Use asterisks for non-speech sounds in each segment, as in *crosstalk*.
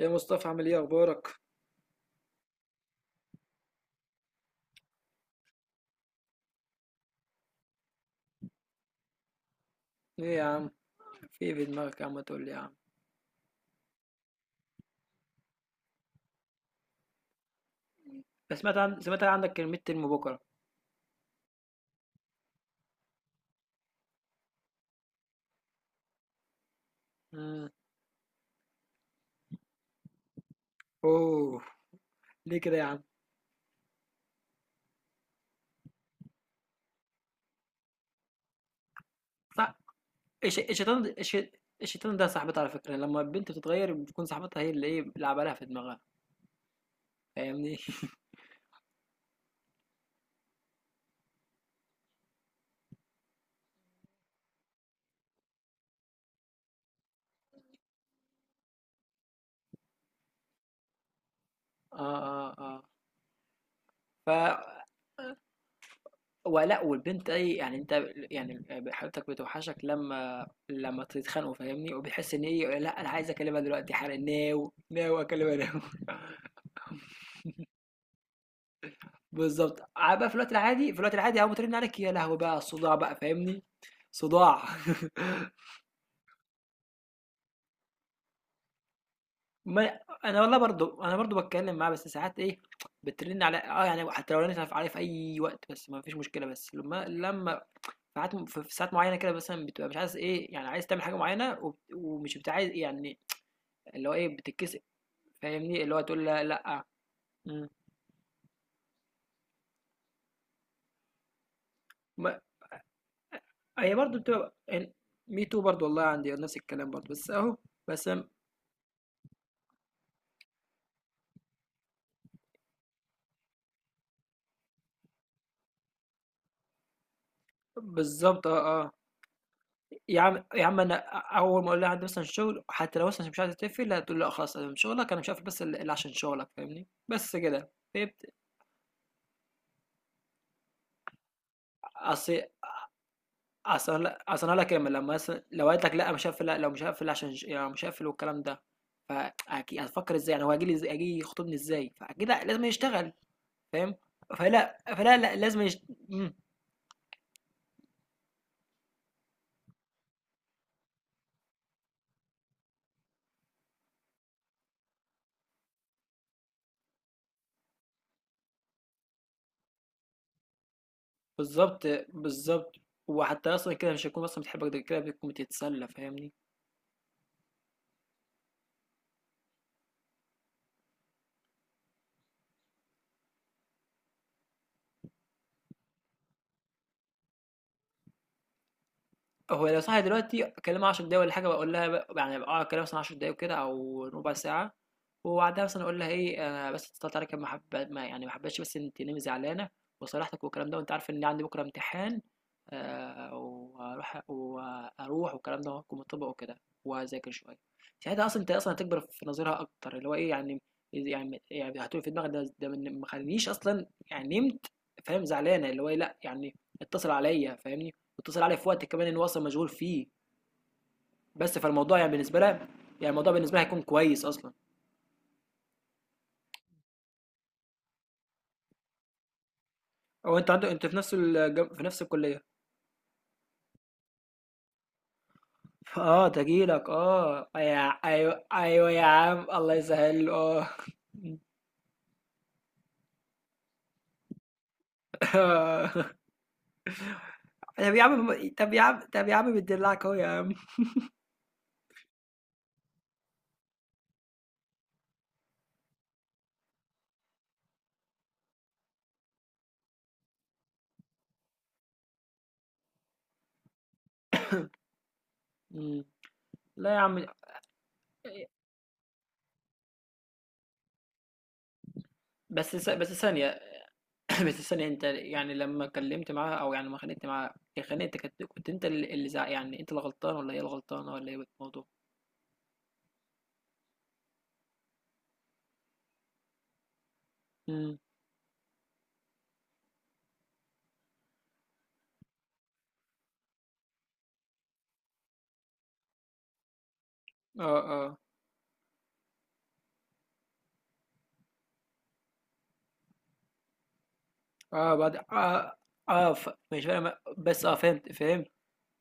يا مصطفى عامل ايه اخبارك؟ ايه يا عم؟ في ايه في دماغك يا عم؟ تقول لي يا عم. بس سمعت عن عندك الميد ترم بكره. امم. اوه. ليه كده يا عم؟ صح. الش- الشيطان ده- الش... الشيطان ده صاحبتها على فكره. لما البنت بتتغير بتكون صاحبتها هي اللي ايه، بيلعب عليها في دماغها. فاهمني؟ *laughs* اه اه اه. ف ولا والبنت اي يعني انت يعني حبيبتك بتوحشك لما تتخانقوا، فاهمني؟ وبتحس ان ايه، لا انا عايز اكلمها دلوقتي حالا، ناو ناو اكلمها ناو. *laughs* بالضبط. ع بقى في الوقت العادي، أول ما ترن عليك يا لهوي بقى على الصداع بقى، فاهمني؟ صداع. *laughs* ما أنا والله برضه، أنا برضه باتكلم معاها، بس ساعات إيه، بترن عليَّ. آه، يعني حتى لو رنت ف عليَّ في أي وقت بس ما فيش مشكلة. بس لما ساعات في ساعات معينة كده مثلًا بتبقى مش عايز إيه، يعني عايز تعمل حاجة معينة وبت ومش بت عايز يعني اللي هو إيه، بتتكسف. فاهمني؟ اللي هو تقول لها لأ. إمم. ما هي برضه بتبقى ال me too برضه، والله عندي نفس الكلام برضه، بس أهو. بس م بالضبط. آه، آه. يا عم يا عم انا اول ما اقول لها عندي مثلا شغل، حتى لو مثلا مش عايزه تقفل هتقول لا خلاص انا من شغلك انا مش هقفل، بس الا عشان شغلك، فاهمني؟ بس كده فهمت. اصل اصل لا اصل انا كامل لما مثلا لو قالت لك لا مش هقفل، لا لو مش هقفل يعني مش هقفل والكلام ده، فاكيد هتفكر ازاي يعني هو هيجي يخطبني ازاي، فاكيد لازم يشتغل، فاهم؟ فلا فلا لا لازم مم. بالظبط بالظبط. وحتى اصلا كده مش هيكون اصلا بتحبك، ده كده بتكون بتتسلى، فاهمني؟ هو لو صاحي دلوقتي اكلمها 10 دقايق ولا حاجه، يعني اه اكلمها مثلا 10 دقايق كده او ربع ساعه، وبعدها مثلا اقول لها ايه انا بس اتصلت عليك، ما حب ما يعني ما حبيتش، بس انت نمي زعلانه وصالحتك والكلام ده، وانت عارفه ان عندي بكره امتحان، آه، واروح والكلام ده، وهكون مطبق وكده وهذاكر شويه. ساعتها اصلا انت اصلا هتكبر في نظرها اكتر، اللي هو ايه يعني يعني هتقول في دماغك ما خلينيش اصلا يعني نمت، فاهم؟ زعلانه، اللي هو إيه، لا يعني اتصل عليا، فاهمني؟ واتصل عليا في وقت كمان ان هو اصلا مشغول فيه، بس فالموضوع يعني بالنسبه لها، يعني الموضوع بالنسبه لها هيكون كويس اصلا. هو انت عندك انت في نفس في نفس الكليه؟ اه تجيلك، اه يا ايوه ايوه يا عم، الله يسهل له، اه. *laughs* طب يا عم، طب يا عم بتدلعك اهو يا عم. مم. لا يا عم. بس ثانية، *coughs* *clears throat* بس ثانية، انت يعني لما كلمت معاها او يعني لما خانقت معاها، خانقت، كنت انت يعني انت اللي غلطان ولا هي الغلطانة ولا ايه الموضوع؟ مم. اه اه اه. بعد اه. اه ف... مش فارق مع... بس اه فهمت فهمت.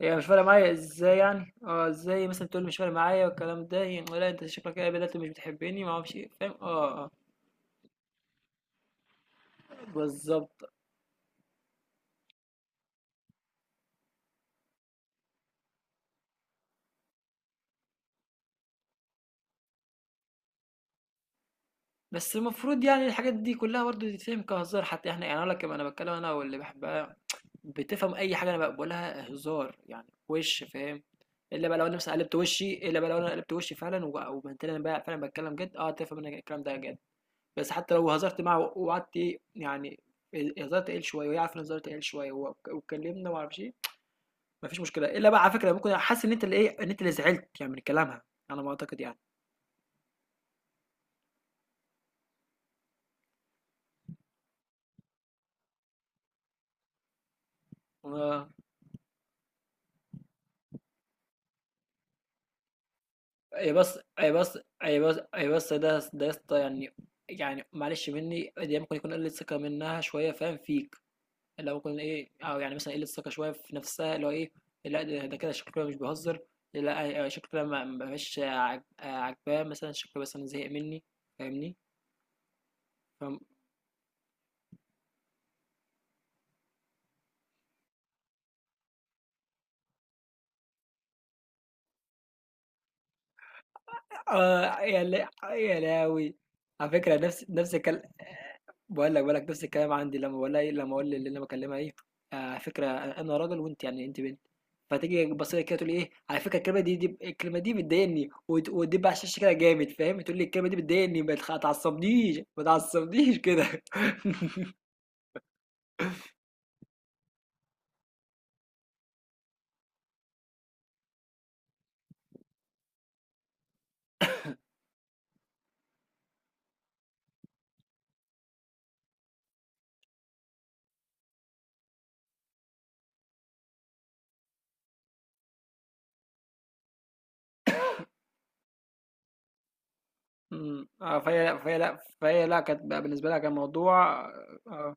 يعني مش فارق معايا ازاي يعني، اه ازاي مثلا تقول مش فارق معايا والكلام ده؟ يعني ولا انت شكلك كده بدأت مش بتحبني، ما اعرفش ايه، فاهم؟ اه اه. بالظبط. بس المفروض يعني الحاجات دي كلها برضه تتفهم كهزار حتى، احنا يعني اقول لك، انا بتكلم انا واللي بحبها بتفهم اي حاجه انا بقولها هزار يعني، وش فاهم؟ الا بقى لو انا مثلا قلبت وشي، الا بقى لو انا قلبت وشي فعلا وبنت انا بقى فعلا بتكلم جد، اه تفهم ان الكلام ده جد. بس حتى لو هزرت معاه وقعدت ايه يعني، هزرت قليل شويه وهي عارفه ان هزرت قليل شويه واتكلمنا وما اعرفش ايه، مفيش مشكله. الا بقى على فكره ممكن حاسس ان انت اللي ايه، ان انت اللي زعلت يعني من كلامها، على ما اعتقد يعني. آه، اي بس ده يا اسطى، يعني يعني معلش مني دي ممكن يكون قله ثقه منها شويه، فاهم فيك؟ اللي هو ممكن ايه، او يعني مثلا قله ثقه شويه في نفسها، اللي هو ايه. لا ده كده شكله كده مش بيهزر، لا شكله كده مش عاجباه، مثلا شكله مثلا زهق مني، فاهمني؟ فاهم. اه يا لا يا لاوي، على فكره نفس الكلام. بقول لك نفس الكلام عندي، لما بقول لها ايه، لما اقول اللي انا بكلمها ايه، آه، على فكره انا راجل وانت يعني انت بنت، فتيجي تبص لي كده تقول لي ايه، على فكره الكلمه دي، الكلمه دي بتضايقني، وتدب على الشاشه كده جامد، فاهم؟ تقول لي الكلمه دي بتضايقني، ما تخ- تعصبنيش ما تعصبنيش كده. *laughs* أمم، آه، فهي لا كانت بقى بالنسبه لها كان موضوع اه آه،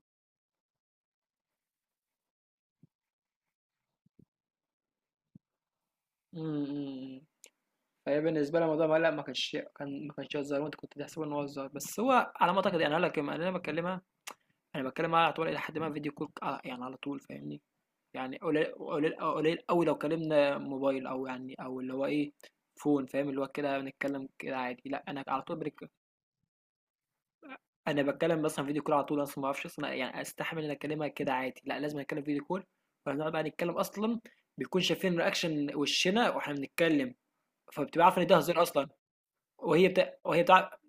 أمم، أمم، فهي بالنسبة لها موضوع مقلق، ما كانش هزار، وانت كنت تحسب ان هو هزار، بس هو على ما اعتقد يعني انا لما انا بكلمها انا بتكلم معاها على طول الى حد ما فيديو كول، يعني على طول فاهمني؟ يعني قليل قوي لو كلمنا موبايل او يعني او اللي هو ايه فون، فاهم؟ اللي هو كده بنتكلم كده عادي، لا انا على طول بريك، انا بتكلم مثلا فيديو كول على طول، اصلا ما اعرفش اصلا يعني استحمل ان اكلمها كده عادي، لا لازم اتكلم فيديو كول. فبنقعد بقى نتكلم اصلا بيكون شايفين رياكشن وشنا واحنا بنتكلم، فبتبقى عارفه ان ده هزار اصلا. وهي بتاع،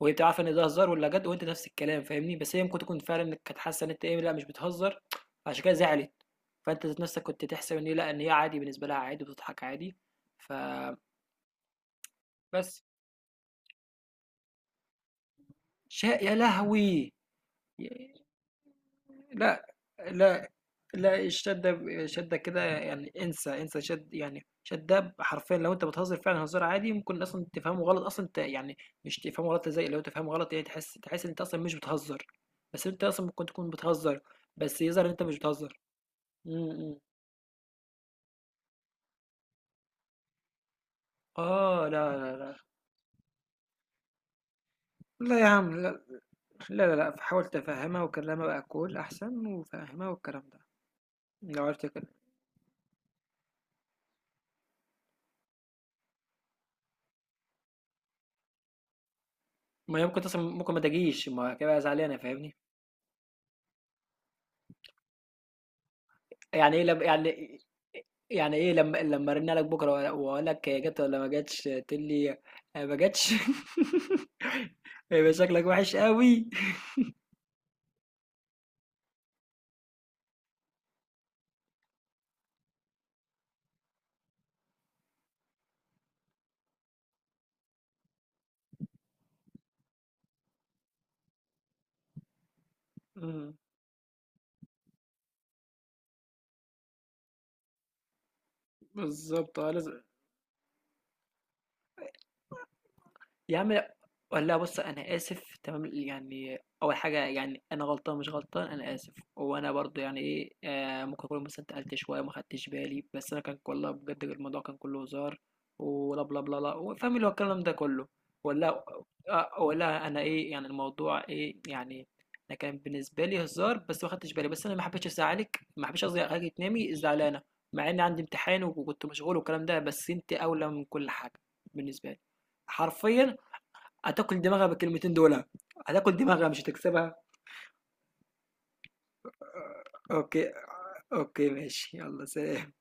وهي بتبقى عارفة إن ده هزار والّا جد، وأنت نفس الكلام فاهمني؟ بس هي ممكن تكون فعلًا انك كانت حاسة إن أنت إيه، لأ مش بتهزر، فعشان كده زعلِت. فأنت ذات نفسك كنت تحسب إن هي لأ، إن هي عادي بالنسبة لها عادي وبتضحك عادي، فبس. شا يا لهوي! ي لأ، لأ، لأ الشدّة ب شدّة كده يعني، انسى، انسى شد يعني شدّة حرفيًا، لو أنت بتهزر فعلًا هزار عادي ممكن أصلًا تفهمه غلط أصلًا أنت يعني، مش تفهمه غلط تزعل، لو تفهمه غلط يعني تحس إن أنت أصلًا مش بتهزر، بس أنت أصلًا ممكن تكون بتهزر، بس يظهر إن أنت مش بتهزر. إمم، إمم. آه، لا، لا يا عم، لا، لأ، فحاول تفهّمها وكلّمها بأكُّول أحسن وفهّمها والكلام ده، لو عرفت كده. ما هي ممكن أصلًا ممكن ما تجيش، ما هي هتبقى زعلانة فاهمني؟ يعني إيه لب يعني؟ يعني إيه لما لما أرن عليك بكرة وأقول لك هي جت ولا ما جتش تقول لي آه، ما جتش؟ *laughs* يبقى شكلك وحش قوي. مم. بالظبط اه لازم. يا عم لا، لا، بص انا اسف تمام، يعني اول حاجه يعني انا غلطان مش غلطان انا اسف، وانا برضو يعني ايه آه ممكن اكون مثلا اتقلت شويه ما خدتش بالي، بس انا كان والله بجد الموضوع كان كله هزار، ولا بلا بلا لا، فاهم اللي هو الكلام ده كله. ولا آه، ولا انا ايه يعني الموضوع ايه يعني؟ انا كان بالنسبه لي هزار بس ما خدتش بالي، بس انا ما حبيتش ازعلك، ما حبيتش قصدي اخليك تنامي زعلانه، مع ان عندي امتحان وكنت مشغول والكلام ده، بس انت اولى من كل حاجه بالنسبه لي، حرفيا. هتاكل دماغها بالكلمتين دول. هتاكل دماغها مش هتكسبها. اوكي. اوكي ماشي، يلا سلام.